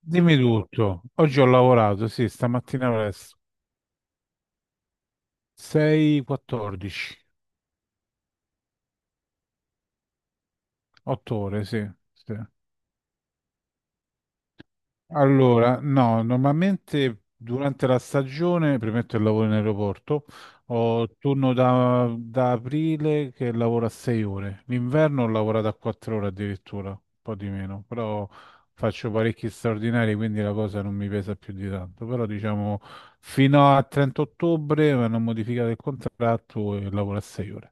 Dimmi tutto. Oggi ho lavorato, sì, stamattina presto. 6:14, 8 ore, sì, sì. Allora, no, normalmente durante la stagione, premetto il lavoro in aeroporto, ho turno da aprile che lavoro a 6 ore. L'inverno ho lavorato a 4 ore addirittura, un po' di meno, però faccio parecchi straordinari, quindi la cosa non mi pesa più di tanto. Però diciamo fino a 30 ottobre mi hanno modificato il contratto e lavoro a 6 ore.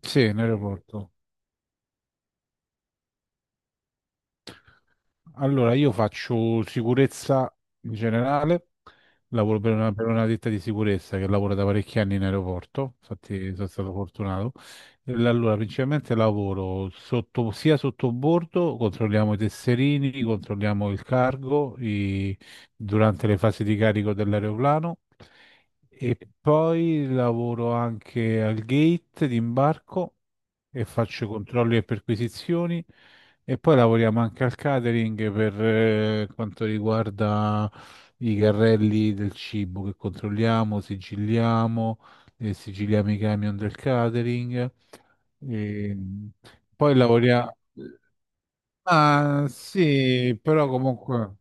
Sì, in aeroporto. Allora, io faccio sicurezza in generale, lavoro per una ditta di sicurezza che lavora da parecchi anni in aeroporto, infatti sono stato fortunato. Allora, principalmente lavoro sotto, sia sotto bordo, controlliamo i tesserini, controlliamo il durante le fasi di carico dell'aeroplano e poi lavoro anche al gate di imbarco e faccio controlli e perquisizioni. E poi lavoriamo anche al catering per quanto riguarda i carrelli del cibo che controlliamo, sigilliamo, sigilliamo i camion del catering. E poi lavoriamo. Ah, sì, però comunque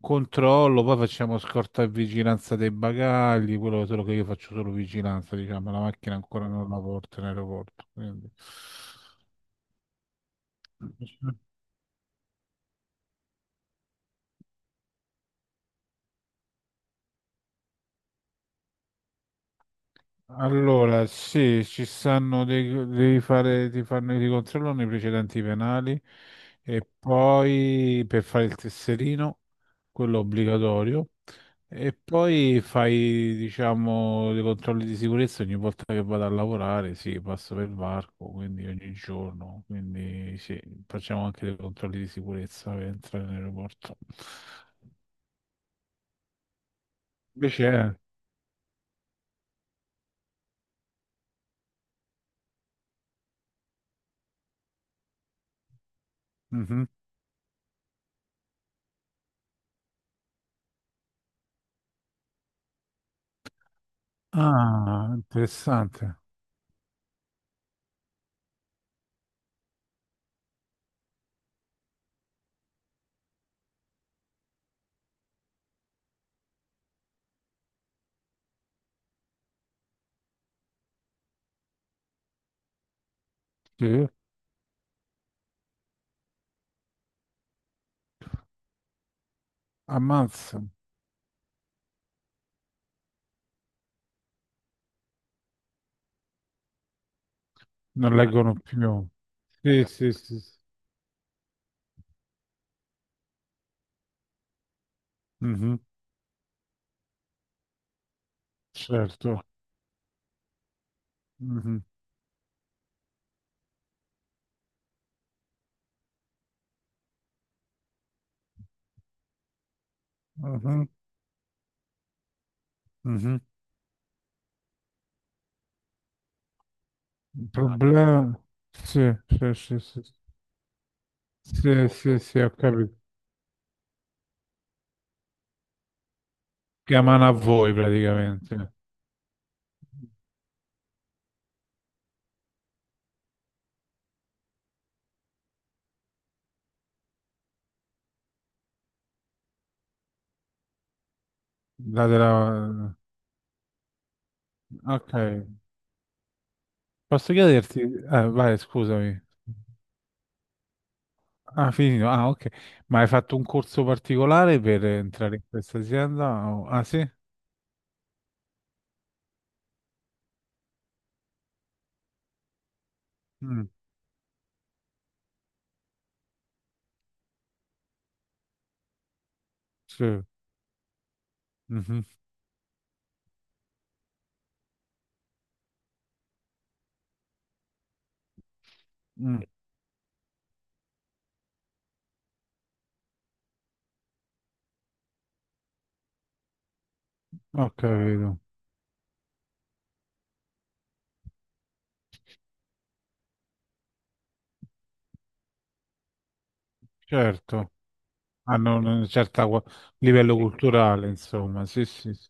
controllo, poi facciamo scorta e vigilanza dei bagagli, quello solo che io faccio solo vigilanza, diciamo, la macchina ancora non la porto in aeroporto, quindi. Allora, sì, ci stanno dei, devi fare, ti fanno i controllano i precedenti penali e poi per fare il tesserino, quello obbligatorio, e poi fai, diciamo, dei controlli di sicurezza ogni volta che vado a lavorare, sì, passo per varco, quindi ogni giorno, quindi sì, facciamo anche dei controlli di sicurezza per entrare in aeroporto. Invece è... Mhm. Ah, interessante. Sì. Ammazza. Non Ah, Leggono più. Sì, sì, sì, sì. Mhm, certo. Mhm, mhm, mhm. Problema... Sì, sì, sì, sì. Sì, sì, sì, ho capito. Chiamano a voi praticamente. Date la... Ok. Posso chiederti... Vai, scusami. Ah, finito. Ah, ok. Ma hai fatto un corso particolare per entrare in questa azienda? Ah, sì? Mm, sì. Mhm, mm. Ho capito. Certo. Hanno un certo livello culturale, insomma, sì, sì, sì.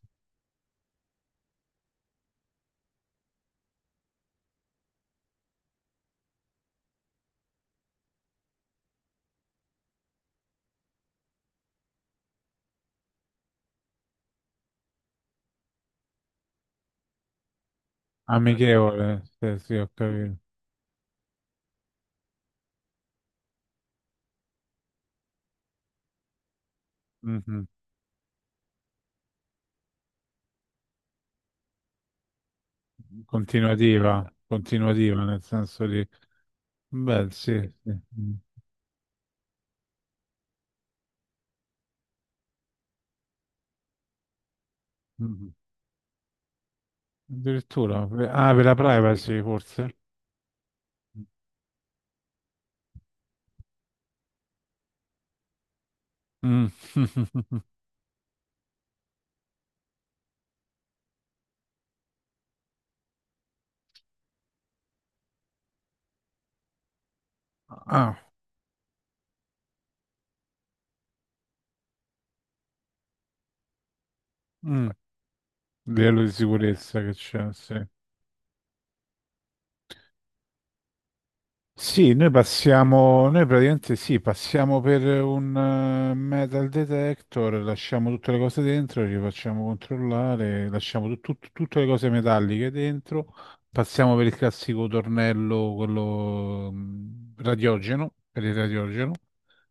Amichevole, sì, sì, ho capito. Mhm. Continuativa, continuativa, nel senso di, beh, sì, sì. Mm. Mhm. Addirittura, ah, per la privacy, forse? Mm. Ah, mm. Livello di sicurezza che c'è, sì. Sì, noi passiamo, noi praticamente sì, passiamo per un metal detector, lasciamo tutte le cose dentro, ci facciamo controllare, lasciamo tutte le cose metalliche dentro, passiamo per il classico tornello, quello radiogeno, per il radiogeno,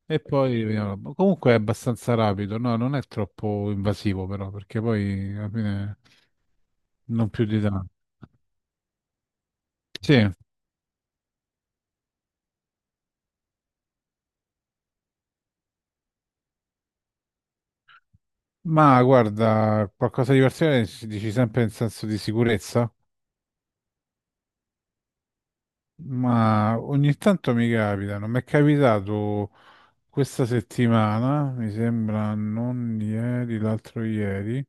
e poi vediamo. Ma comunque è abbastanza rapido, no? Non è troppo invasivo però, perché poi alla fine non più di tanto. Sì. Ma guarda, qualcosa di particolare dici sempre in senso di sicurezza, ma ogni tanto mi capita, non mi è capitato questa settimana, mi sembra non ieri, l'altro ieri,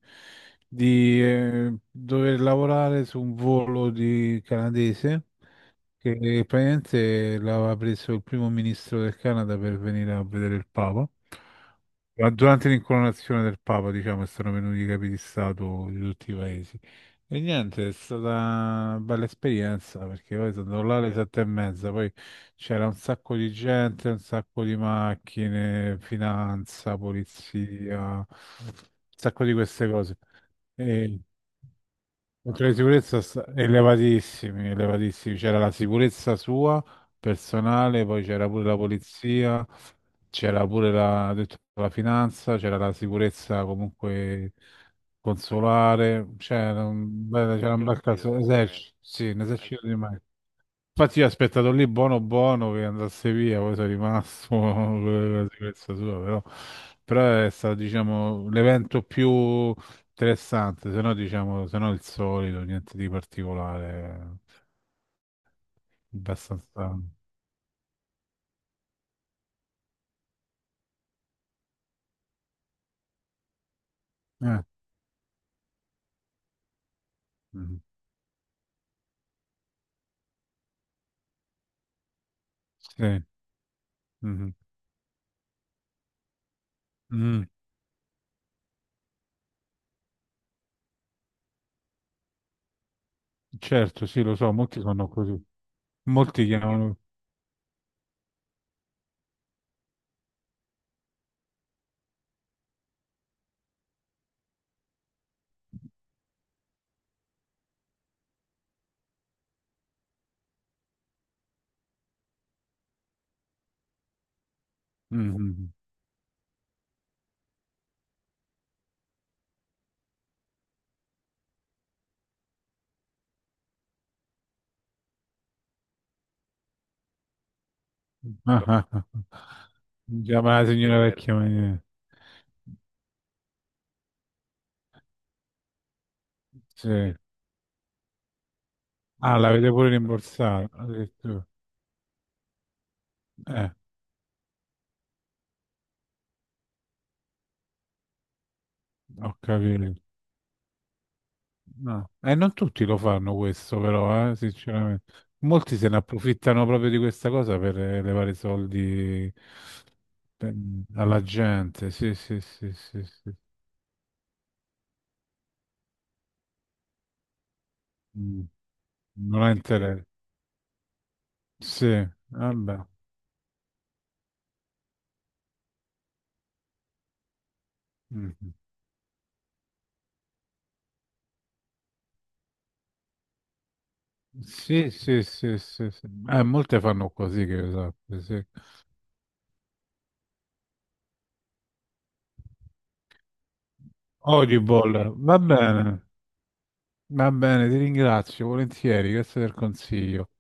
di dover lavorare su un volo di canadese che praticamente l'aveva preso il primo ministro del Canada per venire a vedere il Papa. Ma durante l'incoronazione del Papa, diciamo, sono venuti i capi di Stato di tutti i paesi. E niente, è stata una bella esperienza perché poi sono andato là alle sette e mezza, poi c'era un sacco di gente, un sacco di macchine, finanza, polizia, un sacco di queste cose. E, Controlli di sicurezza elevatissimi, elevatissimi. C'era la sicurezza sua, personale, poi c'era pure la polizia, c'era pure la, ho detto, la finanza, c'era la sicurezza comunque consolare, c'era un bel, c'era un Esercito bel di caso, merda, eh. esercito, sì, un esercito di... Infatti io ho aspettato lì buono buono che andasse via, poi sono rimasto con la sicurezza sua, però, però è stato, diciamo, l'evento più interessante, se no, diciamo, se no il solito, niente di particolare, abbastanza... Eh, mhm, Sì, mhm, mm, certo, sì, lo so, molti sono così, molti chiamano... Mhm. Ah, ah, ah. Chiama la signora vecchia maniera, sì. Ah, l'avete pure rimborsato, addirittura. Eh, ho capito. No. E non tutti lo fanno questo, però, sinceramente. Molti se ne approfittano proprio di questa cosa per levare soldi per- alla gente. Sì, sì, sì, sì, sì. Mm. Non ha interesse. Sì, vabbè. Mm. Sì, sì, sì, sì, sì. Molte fanno così, che esatto, sì. Audible, va bene, ti ringrazio volentieri, grazie del consiglio.